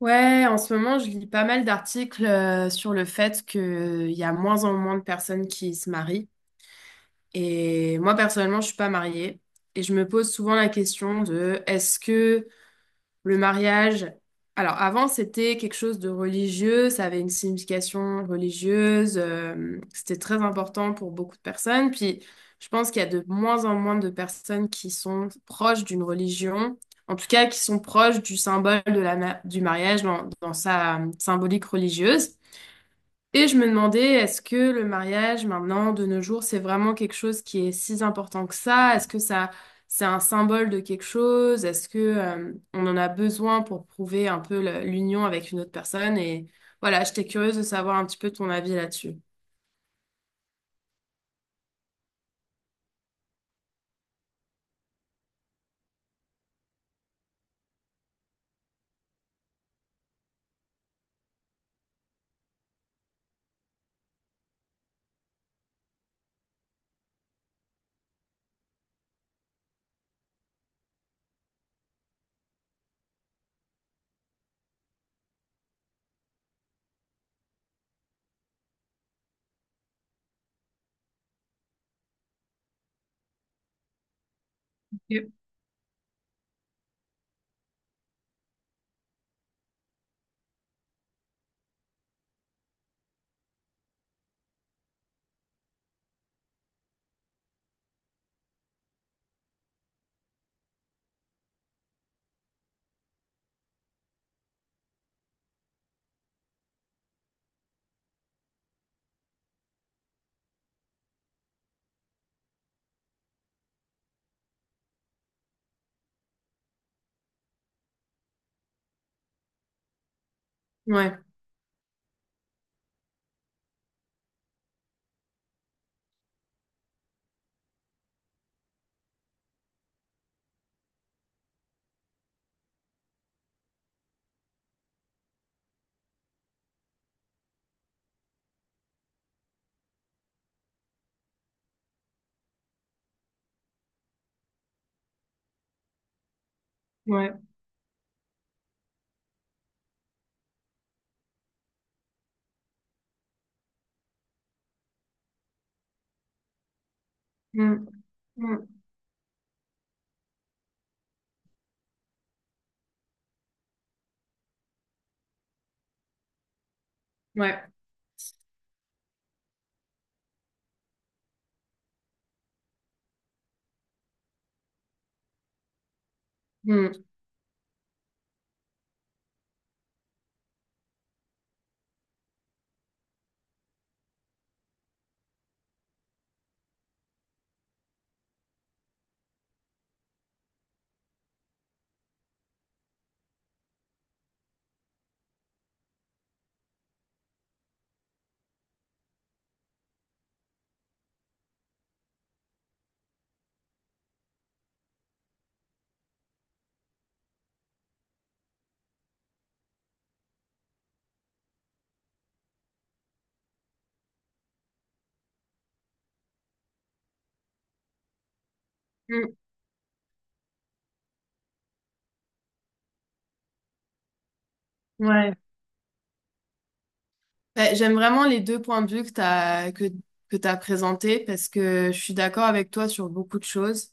Ouais, en ce moment, je lis pas mal d'articles sur le fait qu'il y a moins en moins de personnes qui se marient. Et moi, personnellement, je suis pas mariée. Et je me pose souvent la question de est-ce que le mariage, alors avant c'était quelque chose de religieux, ça avait une signification religieuse, c'était très important pour beaucoup de personnes. Puis je pense qu'il y a de moins en moins de personnes qui sont proches d'une religion, en tout cas qui sont proches du symbole de la du mariage dans sa symbolique religieuse. Et je me demandais, est-ce que le mariage maintenant, de nos jours, c'est vraiment quelque chose qui est si important que ça? Est-ce que ça, c'est un symbole de quelque chose? Est-ce que, on en a besoin pour prouver un peu l'union avec une autre personne? Et voilà, j'étais curieuse de savoir un petit peu ton avis là-dessus. Ok. Ouais, ouais. Mm. Mm. Ouais. Mm. Mm. Ouais. Ouais, j'aime vraiment les deux points de vue que t'as présentés parce que je suis d'accord avec toi sur beaucoup de choses.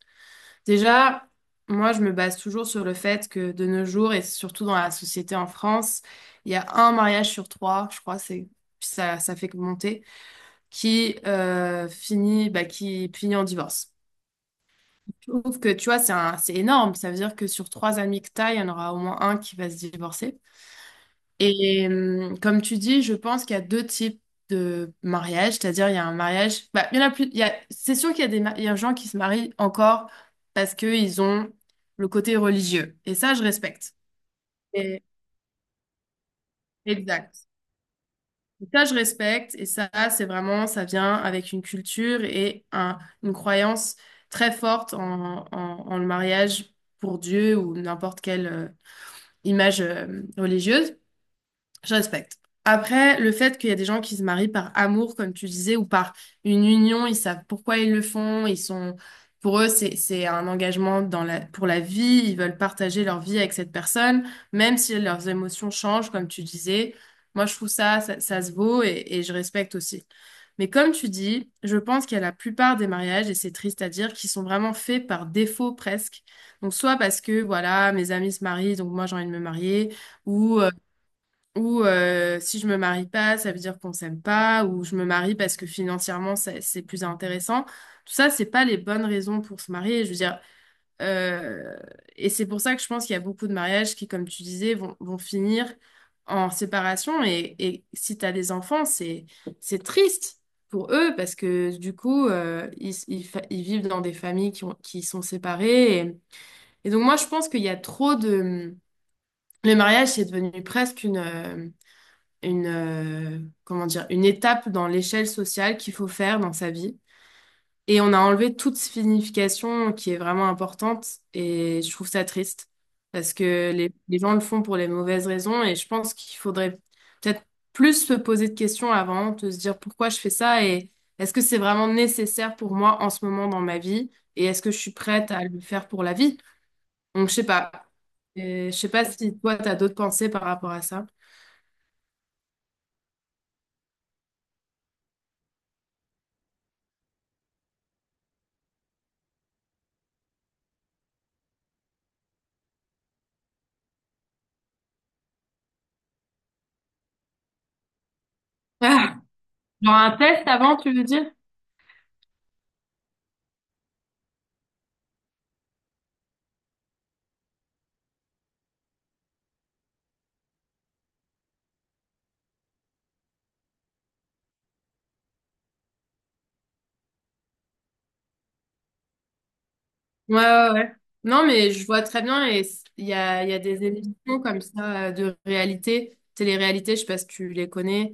Déjà, moi, je me base toujours sur le fait que de nos jours, et surtout dans la société en France, il y a un mariage sur trois, je crois, c'est ça, ça fait que monter, qui finit, bah, qui finit en divorce. Je trouve que tu vois, c'est énorme. Ça veut dire que sur trois amis que t'as, il y en aura au moins un qui va se divorcer. Et comme tu dis, je pense qu'il y a deux types de mariage, c'est-à-dire il y a un mariage, bah, il y en a plus, c'est sûr qu'il y a il y a des gens qui se marient encore parce qu'ils ont le côté religieux. Et ça, je respecte. Et- Exact. Et ça, je respecte. Et ça, c'est vraiment, ça vient avec une culture et une croyance très forte en, en le mariage pour Dieu ou n'importe quelle image religieuse. Je respecte. Après, le fait qu'il y a des gens qui se marient par amour, comme tu disais, ou par une union, ils savent pourquoi ils le font, ils sont, pour eux, c'est un engagement dans la, pour la vie, ils veulent partager leur vie avec cette personne, même si leurs émotions changent, comme tu disais. Moi, je trouve ça se vaut et je respecte aussi. Mais comme tu dis, je pense qu'il y a la plupart des mariages, et c'est triste à dire, qui sont vraiment faits par défaut presque. Donc, soit parce que, voilà, mes amis se marient, donc moi, j'ai envie de me marier, ou euh, ou si je me marie pas, ça veut dire qu'on s'aime pas, ou je me marie parce que financièrement c'est plus intéressant. Tout ça, c'est pas les bonnes raisons pour se marier. Je veux dire, euh, et c'est pour ça que je pense qu'il y a beaucoup de mariages qui, comme tu disais, vont finir en séparation. Et si t'as des enfants, c'est triste pour eux parce que du coup, ils vivent dans des familles qui ont, qui sont séparées. Et donc moi, je pense qu'il y a trop de le mariage, c'est devenu presque une, comment dire, une étape dans l'échelle sociale qu'il faut faire dans sa vie. Et on a enlevé toute signification qui est vraiment importante et je trouve ça triste parce que les gens le font pour les mauvaises raisons et je pense qu'il faudrait peut-être plus se poser de questions avant, de se dire pourquoi je fais ça et est-ce que c'est vraiment nécessaire pour moi en ce moment dans ma vie et est-ce que je suis prête à le faire pour la vie? Donc je sais pas. Et je sais pas si toi, tu as d'autres pensées par rapport à ça. Genre un test avant, tu veux dire? Ouais, ouais, ouais. Non, mais je vois très bien et il y a des émissions comme ça de réalité, télé-réalité, je sais pas si tu les connais,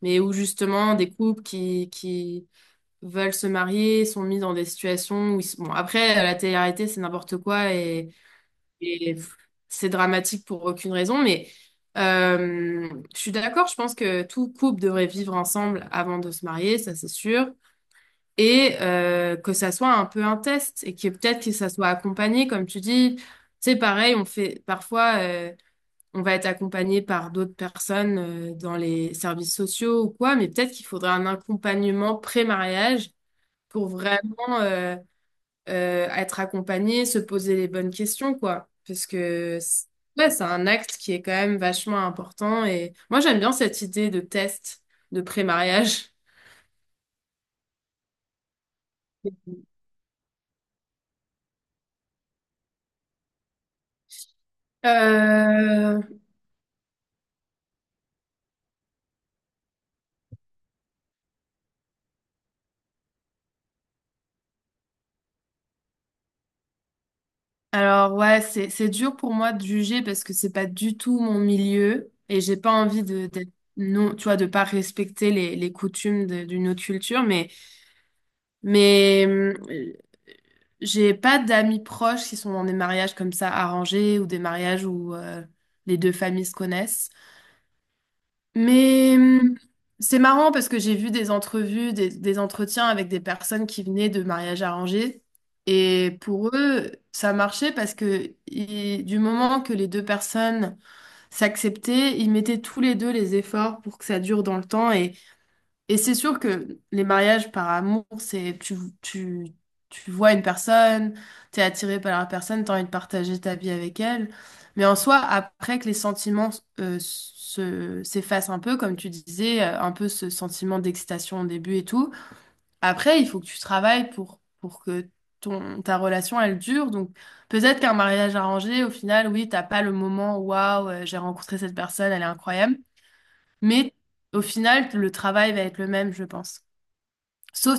mais où justement des couples qui veulent se marier sont mis dans des situations où ils sont... Bon, après, la télé-réalité, c'est n'importe quoi et pff, c'est dramatique pour aucune raison, mais euh, je suis d'accord, je pense que tout couple devrait vivre ensemble avant de se marier, ça c'est sûr et que ça soit un peu un test et que peut-être que ça soit accompagné, comme tu dis. C'est pareil, on fait parfois, on va être accompagné par d'autres personnes dans les services sociaux ou quoi, mais peut-être qu'il faudrait un accompagnement pré-mariage pour vraiment être accompagné, se poser les bonnes questions, quoi. Parce que ouais, c'est un acte qui est quand même vachement important et moi j'aime bien cette idée de test de pré-mariage. Euh, Alors ouais, c'est dur pour moi de juger parce que c'est pas du tout mon milieu et j'ai pas envie de d'être non, tu vois, de pas respecter les coutumes d'une autre culture, mais mais euh, j'ai pas d'amis proches qui sont dans des mariages comme ça arrangés ou des mariages où les deux familles se connaissent. Mais c'est marrant parce que j'ai vu des entrevues, des entretiens avec des personnes qui venaient de mariages arrangés. Et pour eux, ça marchait parce que du moment que les deux personnes s'acceptaient, ils mettaient tous les deux les efforts pour que ça dure dans le temps. Et c'est sûr que les mariages par amour, tu, tu vois une personne, t'es attiré par la personne, t'as envie de partager ta vie avec elle. Mais en soi, après que les sentiments s'effacent un peu, comme tu disais, un peu ce sentiment d'excitation au début et tout, après, il faut que tu travailles pour que ta relation, elle dure. Donc peut-être qu'un mariage arrangé, au final, oui, t'as pas le moment, waouh, j'ai rencontré cette personne, elle est incroyable. Mais au final, le travail va être le même, je pense. Sauf...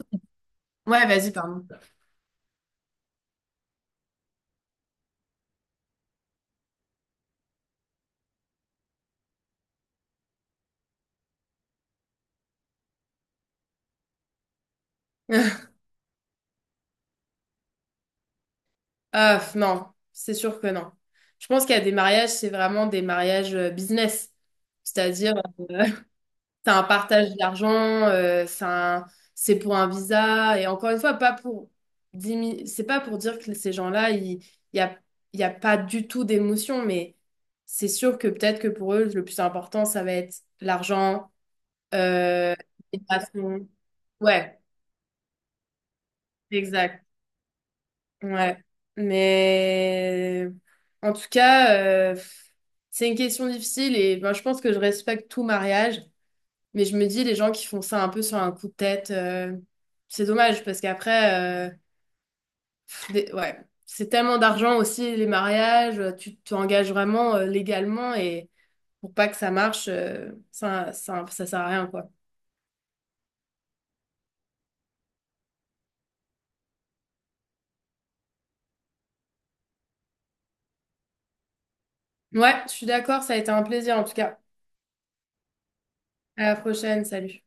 Ouais, vas-y, pardon. Ah, non, c'est sûr que non. Je pense qu'il y a des mariages, c'est vraiment des mariages business. C'est-à-dire, euh, c'est un partage d'argent, euh, c'est un- c'est pour un visa. Et encore une fois, pas pour c'est pas pour dire que ces gens-là, n'y a, il y a pas du tout d'émotion, mais c'est sûr que peut-être que pour eux, le plus important, ça va être l'argent, euh, les passions. Ouais, exact. Ouais, mais en tout cas, euh, c'est une question difficile et ben, je pense que je respecte tout mariage, mais je me dis les gens qui font ça un peu sur un coup de tête, c'est dommage parce qu'après, pff, ouais, c'est tellement d'argent aussi les mariages, tu t'engages vraiment légalement et pour pas que ça marche, ça sert à rien quoi. Ouais, je suis d'accord, ça a été un plaisir en tout cas. À la prochaine, salut.